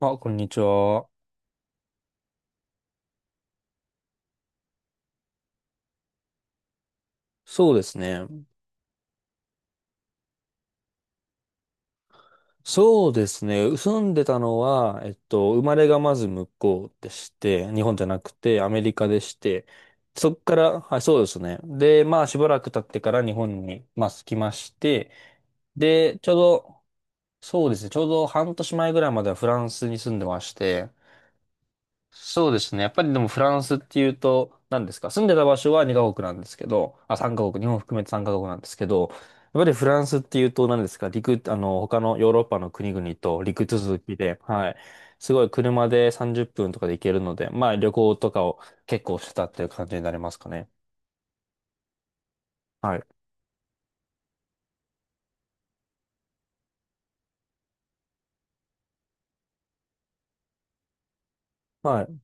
あ、こんにちは。そうですね。そうですね。住んでたのは、生まれがまず向こうでして、日本じゃなくてアメリカでして、そっから、はい、そうですね。で、まあ、しばらく経ってから日本に、まあ、来まして、で、ちょうど、そうですね。ちょうど半年前ぐらいまではフランスに住んでまして、そうですね。やっぱりでもフランスっていうと、何ですか、住んでた場所は2カ国なんですけど、あ、3カ国、日本含めて3カ国なんですけど、やっぱりフランスっていうと、何ですか、陸、他のヨーロッパの国々と陸続きで、はい。すごい車で30分とかで行けるので、まあ旅行とかを結構してたっていう感じになりますかね。はい。はい。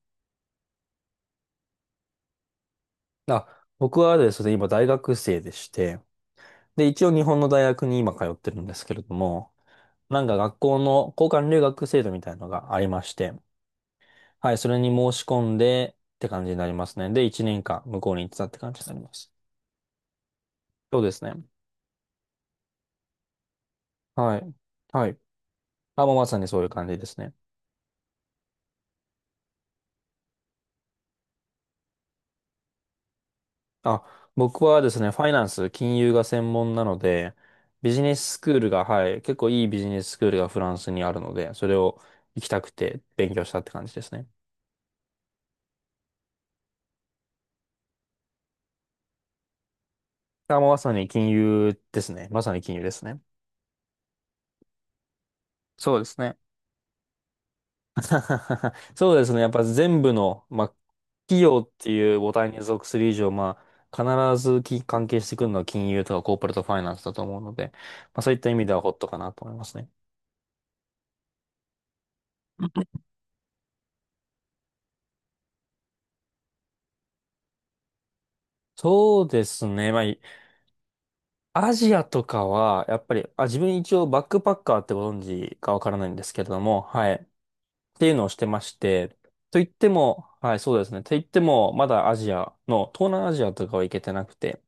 あ、僕はですね、今大学生でして、で、一応日本の大学に今通ってるんですけれども、なんか学校の交換留学制度みたいなのがありまして、はい、それに申し込んでって感じになりますね。で、1年間向こうに行ってたって感じになります。そうですね。はい。はい。あ、もうまさにそういう感じですね。あ、僕はですね、ファイナンス、金融が専門なので、ビジネススクールが、はい、結構いいビジネススクールがフランスにあるので、それを行きたくて勉強したって感じですね。あ、もうまさに金融ですね。まさに金融ですね。そうですね。そうですね。やっぱ全部の、まあ、企業っていう母体に属する以上、まあ、必ず関係してくるのは金融とかコーポレートファイナンスだと思うので、まあ、そういった意味ではホットかなと思いますね。そうですね。アジアとかは、やっぱり、あ、自分一応バックパッカーってご存知かわからないんですけれども、はい。っていうのをしてまして、と言っても、はい、そうですね。と言っても、まだアジアの、東南アジアとかは行けてなくて、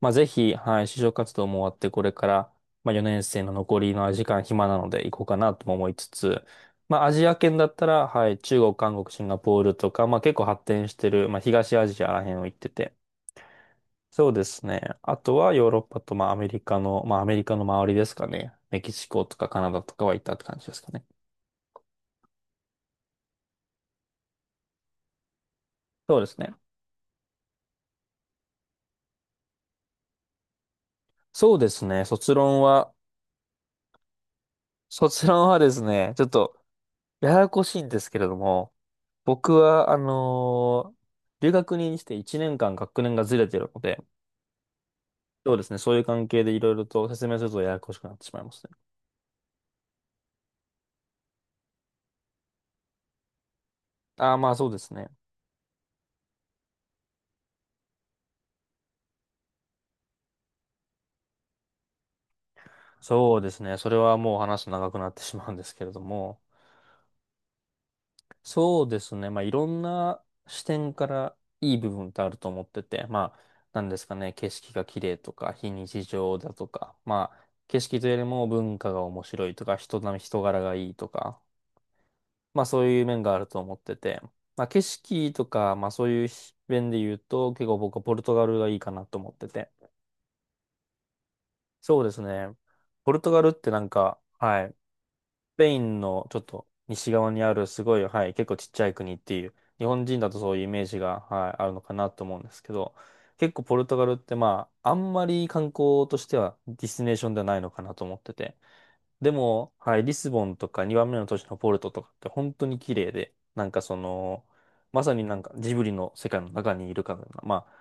まあ、ぜひ、はい、就職活動も終わって、これから、まあ、4年生の残りの時間暇なので行こうかなとも思いつつ、まあ、アジア圏だったら、はい、中国、韓国、シンガポールとか、まあ、結構発展してる、まあ、東アジアらへんを行ってて。そうですね。あとはヨーロッパと、まあ、アメリカの、まあ、アメリカの周りですかね。メキシコとかカナダとかは行ったって感じですかね。そうですね。そうですね。卒論は、卒論はですね、ちょっと、ややこしいんですけれども、僕は、留学にして1年間学年がずれてるので、そうですね、そういう関係でいろいろと説明するとややこしくなってしまいますね。ああ、まあそうですね。そうですね、それはもう話すと長くなってしまうんですけれども、そうですね、まあいろんな視点からいい部分ってあると思ってて、まあ、なんですかね、景色が綺麗とか、非日常だとか、まあ、景色というよりも文化が面白いとか、人並み、人柄がいいとか、まあそういう面があると思ってて、まあ景色とか、まあそういう面で言うと、結構僕はポルトガルがいいかなと思ってて。そうですね。ポルトガルってなんか、はい、スペインのちょっと西側にあるすごい、はい、結構ちっちゃい国っていう、日本人だとそういうイメージが、はい、あるのかなと思うんですけど、結構ポルトガルってまあ、あんまり観光としてはディスティネーションではないのかなと思ってて。でも、はい、リスボンとか2番目の都市のポルトとかって本当に綺麗で、なんかその、まさになんかジブリの世界の中にいるかのような、まあ、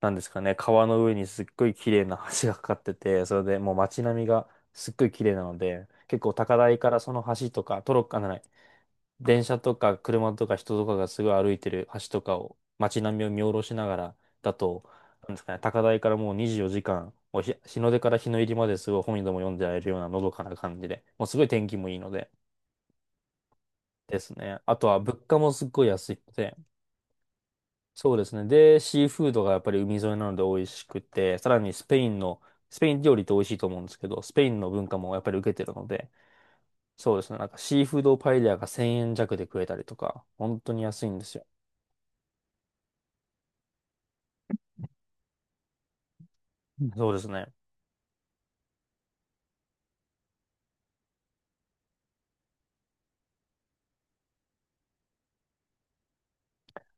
なんですかね、川の上にすっごい綺麗な橋がかかってて、それでもう街並みがすっごい綺麗なので、結構高台からその橋とか、トロッコ、あ、ない、電車とか車とか人とかがすごい歩いてる橋とかを街並みを見下ろしながらだと、なんですかね、高台からもう24時間、もう日、日の出から日の入りまですごい本にでも読んでられるようなのどかな感じで、もうすごい天気もいいのでですね。あとは物価もすっごい安いので、そうですね。で、シーフードがやっぱり海沿いなので美味しくて、さらにスペインの、スペイン料理って美味しいと思うんですけど、スペインの文化もやっぱり受けてるので、そうですね。なんかシーフードパエリアが1000円弱で食えたりとか、本当に安いんですよ。そうですね。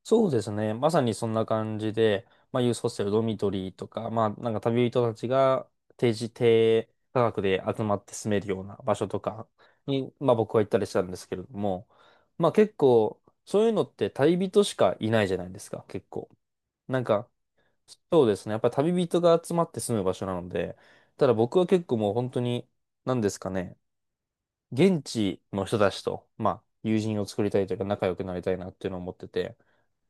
そうですね。まさにそんな感じで、まあ、ユースホステル、ドミトリーとか、まあ、なんか旅人たちが定時低価格で集まって住めるような場所とかに、まあ、僕は行ったりしたんですけれども、まあ、結構、そういうのって旅人しかいないじゃないですか、結構。なんか、そうですね。やっぱり旅人が集まって住む場所なので、ただ僕は結構もう本当に、なんですかね、現地の人たちと、まあ、友人を作りたいというか仲良くなりたいなっていうのを思ってて、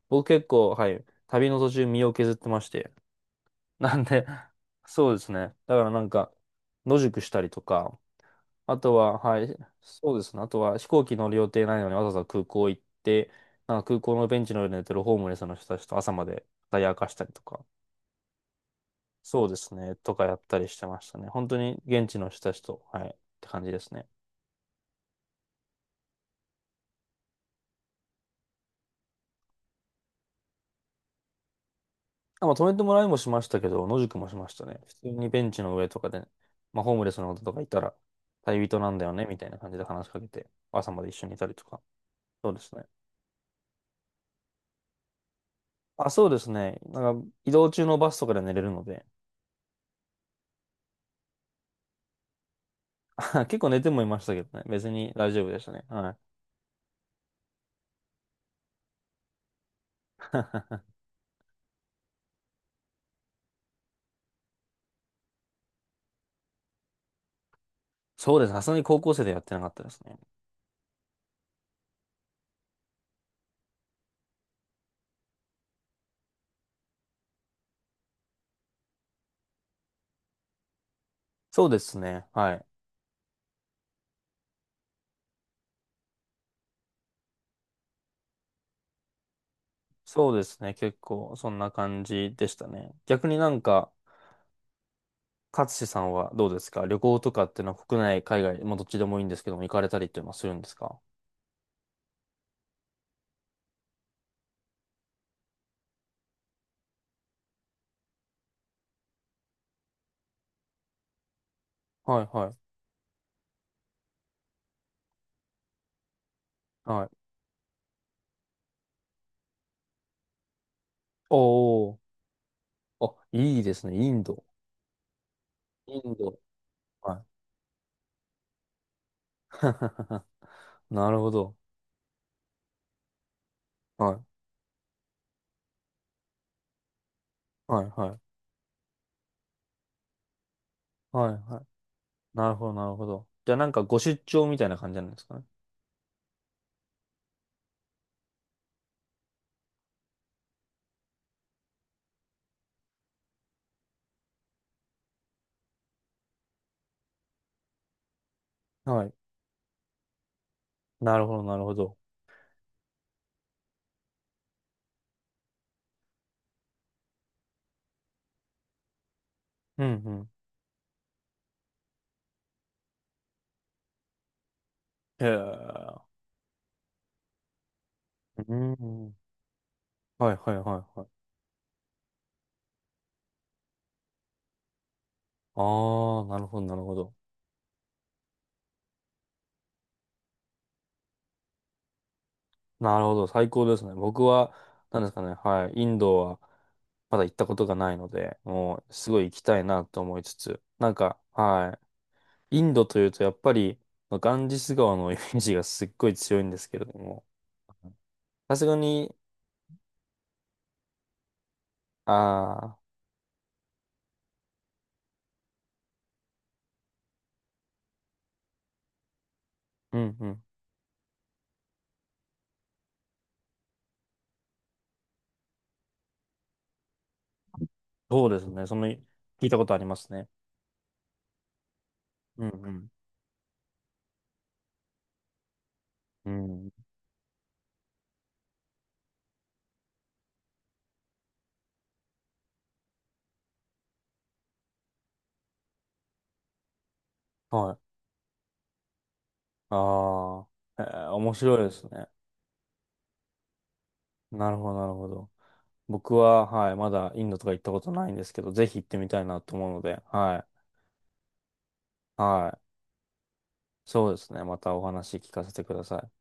僕結構、はい、旅の途中身を削ってまして。なんで、そうですね。だからなんか、野宿したりとか、あとは、はい、そうですね。あとは飛行機乗る予定ないのにわざわざ空港行って、なんか空港のベンチの上で寝てるホームレスの人たちと朝まで語り明かしたりとか、そうですね。とかやったりしてましたね。本当に現地の人たちと、はい、って感じですね。あ、まあ、止めてもらいもしましたけど、野宿もしましたね。普通にベンチの上とかで、まあ、ホームレスの方とかいたら、旅人なんだよね、みたいな感じで話しかけて、朝まで一緒にいたりとか。そうですね。あ、そうですね。なんか、移動中のバスとかで寝れるので、結構寝てもいましたけどね。別に大丈夫でしたね。はい。そうです。さすがに高校生でやってなかったですね。そうですね。はい。そうですね。結構、そんな感じでしたね。逆になんか、勝志さんはどうですか、旅行とかっていうのは国内、海外、まあどっちでもいいんですけども、行かれたりっていうのはするんですか？はいはい。はい。おー。あ、いいですね。インド。インド。はい。なるほど。はい。はいはい。はいはい。なるほど、なるほど。じゃあなんかご出張みたいな感じなんですかね。はい。なるほど、なるほど。うんうん。へえ。うん。はいはいはいはい。ああ、なるほど、なるほど。なるほど。最高ですね。僕は、なんですかね。はい。インドは、まだ行ったことがないので、もう、すごい行きたいなと思いつつ、なんか、はい。インドというと、やっぱり、ガンジス川のイメージがすっごい強いんですけれども、さすがに、ああ、うんうん。そうですね。その、聞いたことありますね。うんうん。うん。はい。ああ、えー面白いですね。なるほど、なるほど。僕は、はい、まだインドとか行ったことないんですけど、ぜひ行ってみたいなと思うので、はい。はい。そうですね。またお話聞かせてください。